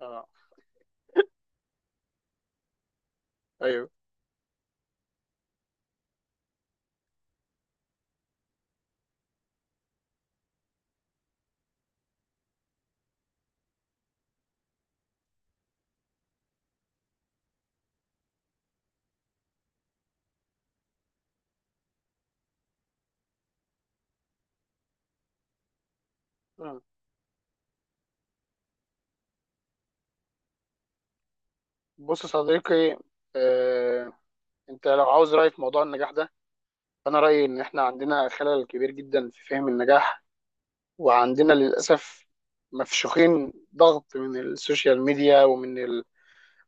اه ايوه آه. بص يا صديقي. آه. انت لو عاوز راي في موضوع النجاح ده، فانا رايي ان احنا عندنا خلل كبير جدا في فهم النجاح، وعندنا للاسف مفشوخين ضغط من السوشيال ميديا ومن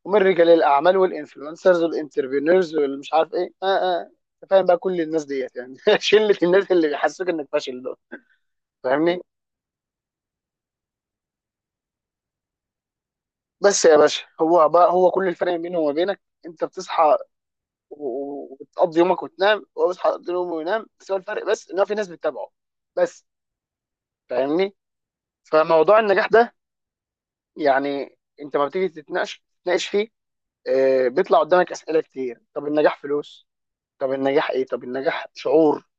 ومن رجال الاعمال والانفلونسرز والانتربرينورز والمش عارف ايه أنت فاهم بقى كل الناس ديت يعني شله الناس اللي بيحسسوك انك فاشل دول، فاهمني؟ بس يا باشا، هو كل الفرق بينه وما بينك، انت بتصحى و- و- وبتقضي يومك وتنام، وهو بيصحى يقضي يومه وينام، بس هو الفرق بس ان هو في ناس بتتابعه بس. فاهمني؟ فموضوع النجاح ده يعني انت ما بتيجي تتناقش فيه، بيطلع قدامك اسئله كتير. طب النجاح فلوس؟ طب النجاح ايه؟ طب النجاح شعور؟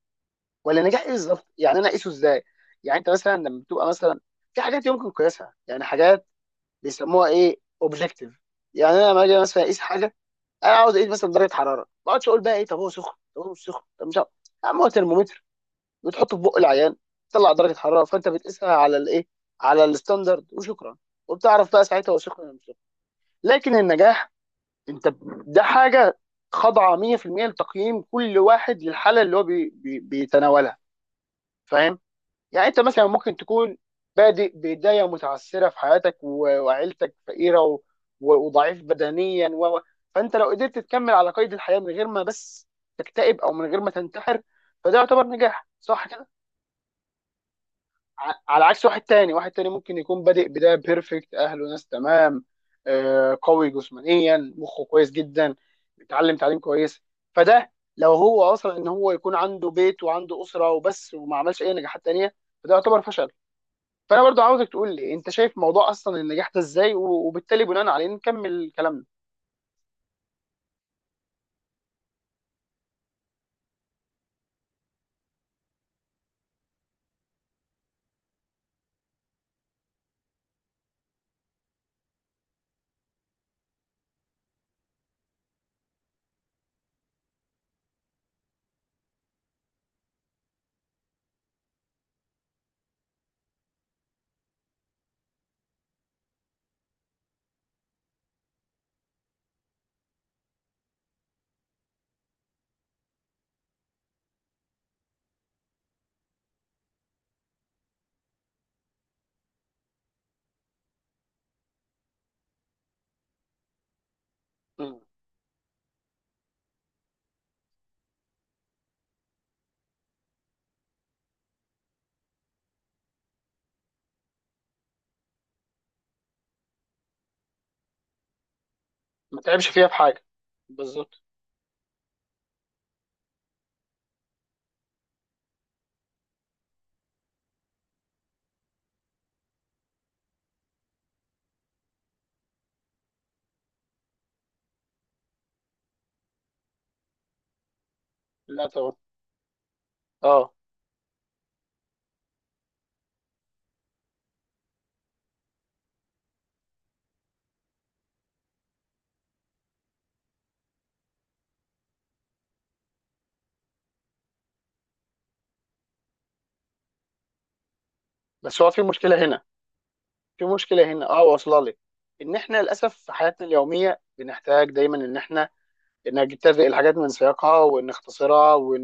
ولا النجاح ايه بالظبط؟ يعني انا اقيسه ازاي؟ يعني انت مثلا لما بتبقى مثلا في حاجات يمكن قياسها، يعني حاجات بيسموها ايه، اوبجكتيف. يعني انا لما اجي مثلا اقيس حاجه، انا عاوز اقيس مثلا درجه حراره ما، اقعدش اقول بقى ايه طب هو سخن طب هو مش سخن طب مش عارف. يا عم هو ترمومتر بتحطه في بق العيان، تطلع درجه حراره، فانت بتقيسها على الايه، على الستاندرد وشكرا، وبتعرف بقى ساعتها هو سخن ولا مش سخن. لكن النجاح، ده حاجه خاضعه 100% لتقييم كل واحد للحاله اللي هو بي بي بيتناولها. فاهم؟ يعني انت مثلا ممكن تكون بادئ بدايه متعثره في حياتك، و- وعيلتك فقيره و- و- وضعيف بدنيا فانت لو قدرت تكمل على قيد الحياه من غير ما بس تكتئب او من غير ما تنتحر، فده يعتبر نجاح صح كده؟ على عكس واحد تاني، واحد تاني ممكن يكون بادئ بداية بيرفكت، أهله ناس تمام، قوي جسمانيا، مخه كويس جدا، بيتعلم تعليم كويس، فده لو هو أصلا إن هو يكون عنده بيت وعنده أسرة وبس وما عملش أي نجاحات تانية، فده يعتبر فشل. فأنا برضو عاوزك تقول لي أنت شايف موضوع أصلا النجاح ده إزاي، و- وبالتالي بناء عليه نكمل كلامنا. مم. ما تعبش فيها في حاجة، بالظبط. لا طبعا. اه. بس هو في مشكلة هنا، في مشكله هنا اه، واصله لي ان احنا للاسف في حياتنا اليوميه بنحتاج دايما ان احنا نجتزئ الحاجات من سياقها ونختصرها ون...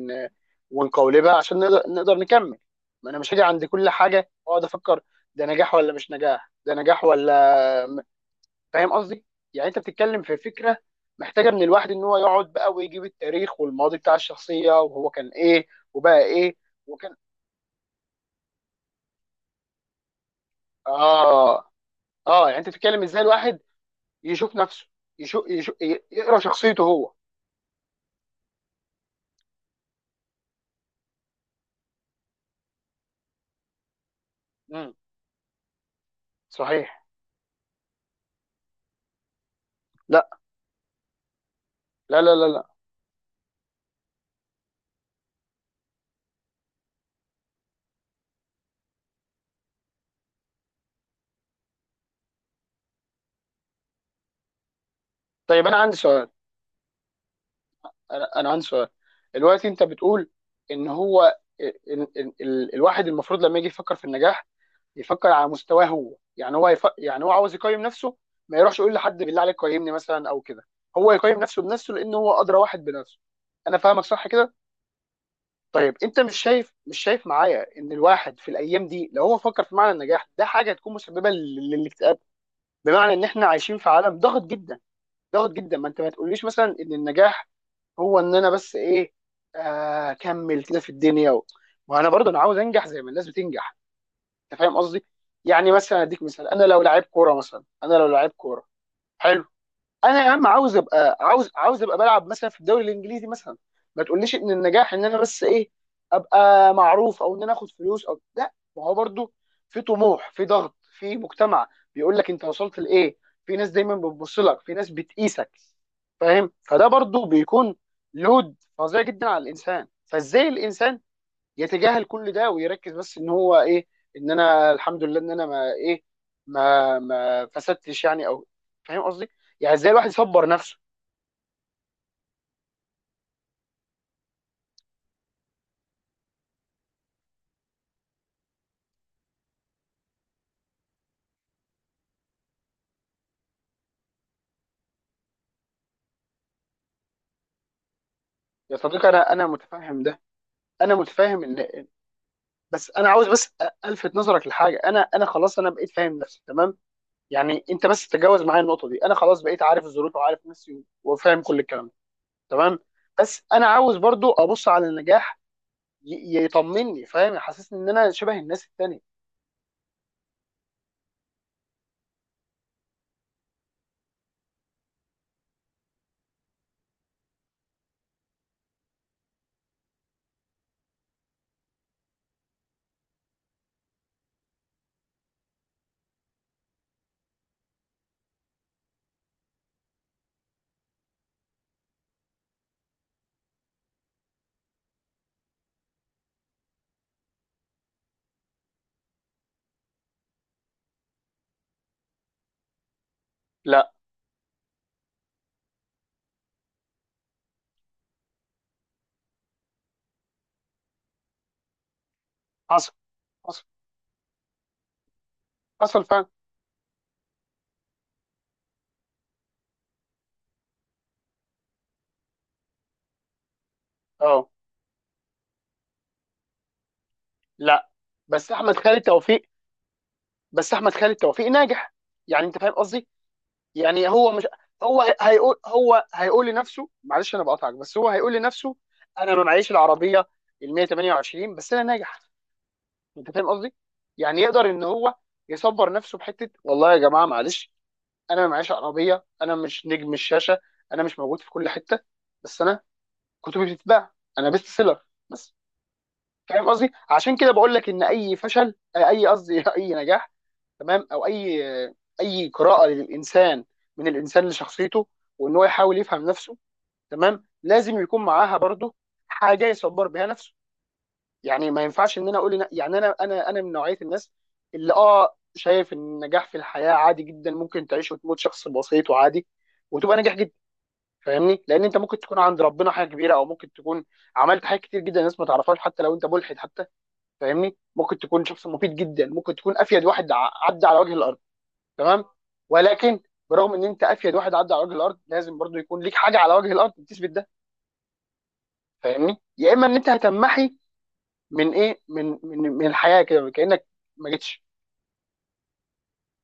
ونقولبها عشان نقدر نكمل. ما انا مش هاجي عند كل حاجه واقعد افكر ده نجاح ولا مش نجاح، ده نجاح ولا م- فاهم قصدي؟ يعني انت بتتكلم في فكره محتاجه من الواحد ان هو يقعد بقى ويجيب التاريخ والماضي بتاع الشخصيه، وهو كان ايه وبقى ايه وكان، اه اه يعني انت بتتكلم ازاي الواحد يشوف نفسه، يشوف يقرا شخصيته هو. مم. صحيح. لا لا. طيب انا عندي سؤال، انا عندي سؤال. دلوقتي انت بتقول ان هو الواحد المفروض لما يجي يفكر في النجاح يفكر على مستواه هو، يعني يعني هو عاوز يقيم نفسه، ما يروحش يقول لحد بالله عليك قيمني مثلا او كده، هو يقيم نفسه بنفسه لان هو ادرى واحد بنفسه. انا فاهمك صح كده؟ طيب انت مش شايف، معايا ان الواحد في الايام دي لو هو فكر في معنى النجاح ده، حاجه هتكون مسببه للاكتئاب؟ بمعنى ان احنا عايشين في عالم ضغط جدا، ضغط جدا. ما انت ما تقوليش مثلا ان النجاح هو ان انا بس ايه، اكمل كده في الدنيا ما انا برضه انا عاوز انجح زي ما الناس بتنجح. انت فاهم قصدي؟ يعني مثلا اديك مثال، انا لو لعيب كوره مثلا، انا لو لعيب كوره حلو، انا يا عم عاوز ابقى، عاوز عاوز ابقى بلعب مثلا في الدوري الانجليزي مثلا، ما تقوليش ان النجاح ان انا بس ايه، ابقى معروف او ان انا اخد فلوس، او لا، ما هو برضو في طموح، في ضغط، في مجتمع بيقول لك انت وصلت لايه، في ناس دايما بتبص لك، في ناس بتقيسك، فاهم؟ فده برضو بيكون لود فظيع جدا على الانسان. فازاي الانسان يتجاهل كل ده ويركز بس ان هو ايه، ان انا الحمد لله ان انا ما ايه، ما فسدتش يعني، او فاهم قصدي، يعني ازاي الواحد يصبر نفسه؟ يا صديقي انا متفهم ده، انا متفهم ان، بس انا عاوز بس الفت نظرك لحاجه، انا خلاص انا بقيت فاهم نفسي تمام، يعني انت بس تتجاوز معايا النقطه دي، انا خلاص بقيت عارف الظروف وعارف نفسي وفاهم كل الكلام ده تمام. بس انا عاوز برضو ابص على النجاح، يطمني، فاهم، يحسسني ان انا شبه الناس التانيه. لا. حصل. حصل حصل فعلا. اه. لا، بس احمد خالد توفيق، بس احمد خالد توفيق ناجح، يعني انت فاهم قصدي، يعني هو مش، هو هيقول لنفسه، معلش انا بقاطعك، بس هو هيقول لنفسه انا ما معيش العربيه ال 128، بس انا ناجح. انت فاهم قصدي؟ يعني يقدر ان هو يصبر نفسه بحته، والله يا جماعه معلش، انا ما معيش عربيه، انا مش نجم الشاشه، انا مش موجود في كل حته، بس انا كتبي بتتباع، انا بيست سيلر بس. فاهم قصدي؟ عشان كده بقول لك ان اي فشل، اي قصدي اي نجاح تمام، او اي، اي قراءه للانسان من الانسان لشخصيته، وان هو يحاول يفهم نفسه تمام، لازم يكون معاها برضه حاجه يصبر بها نفسه. يعني ما ينفعش ان انا اقول يعني انا من نوعيه الناس اللي اه شايف ان النجاح في الحياه عادي جدا، ممكن تعيش وتموت شخص بسيط وعادي وتبقى ناجح جدا. فاهمني؟ لان انت ممكن تكون عند ربنا حاجه كبيره، او ممكن تكون عملت حاجات كتير جدا الناس ما تعرفهاش، حتى لو انت ملحد حتى، فاهمني؟ ممكن تكون شخص مفيد جدا، ممكن تكون افيد واحد عدى على وجه الارض، تمام، ولكن برغم ان انت افيد واحد عدى على وجه الارض، لازم برضو يكون ليك حاجه على وجه الارض بتثبت ده. فاهمني؟ يا اما ان انت هتمحي من ايه، من من من الحياه كده كانك ما جيتش.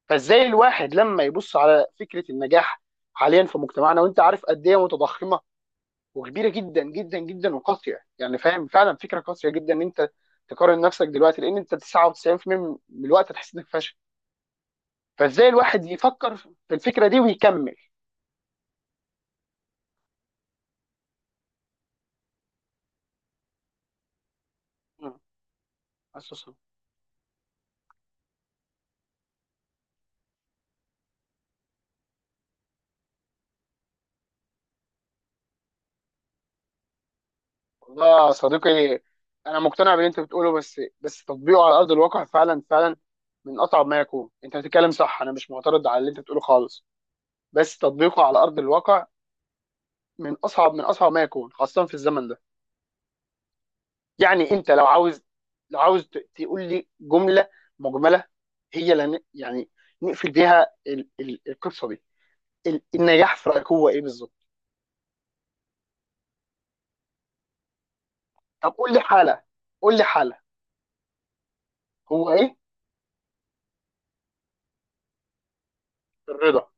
فازاي الواحد لما يبص على فكره النجاح حاليا في مجتمعنا، وانت عارف قد ايه متضخمه وكبيره جدا جدا وقاسيه، يعني فاهم، فعلا فكره قاسيه جدا ان انت تقارن نفسك دلوقتي، لان انت 99% من الوقت هتحس انك فاشل. فازاي الواحد يفكر في الفكره دي ويكمل؟ مم. أساساً. والله يا صديقي انا مقتنع باللي انت بتقوله، بس تطبيقه على ارض الواقع، فعلا فعلا من اصعب ما يكون. انت بتتكلم صح، انا مش معترض على اللي انت بتقوله خالص، بس تطبيقه على ارض الواقع من اصعب ما يكون، خاصه في الزمن ده. يعني انت لو عاوز، لو عاوز تقول لي جمله مجمله، هي لن يعني نقفل بيها القصه دي، النجاح في رايك هو ايه بالظبط؟ طب قول لي حاله، قول لي حاله هو ايه؟ الرضا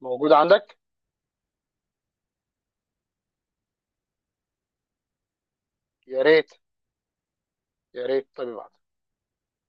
موجود عندك؟ يا ريت، يا ريت طيب.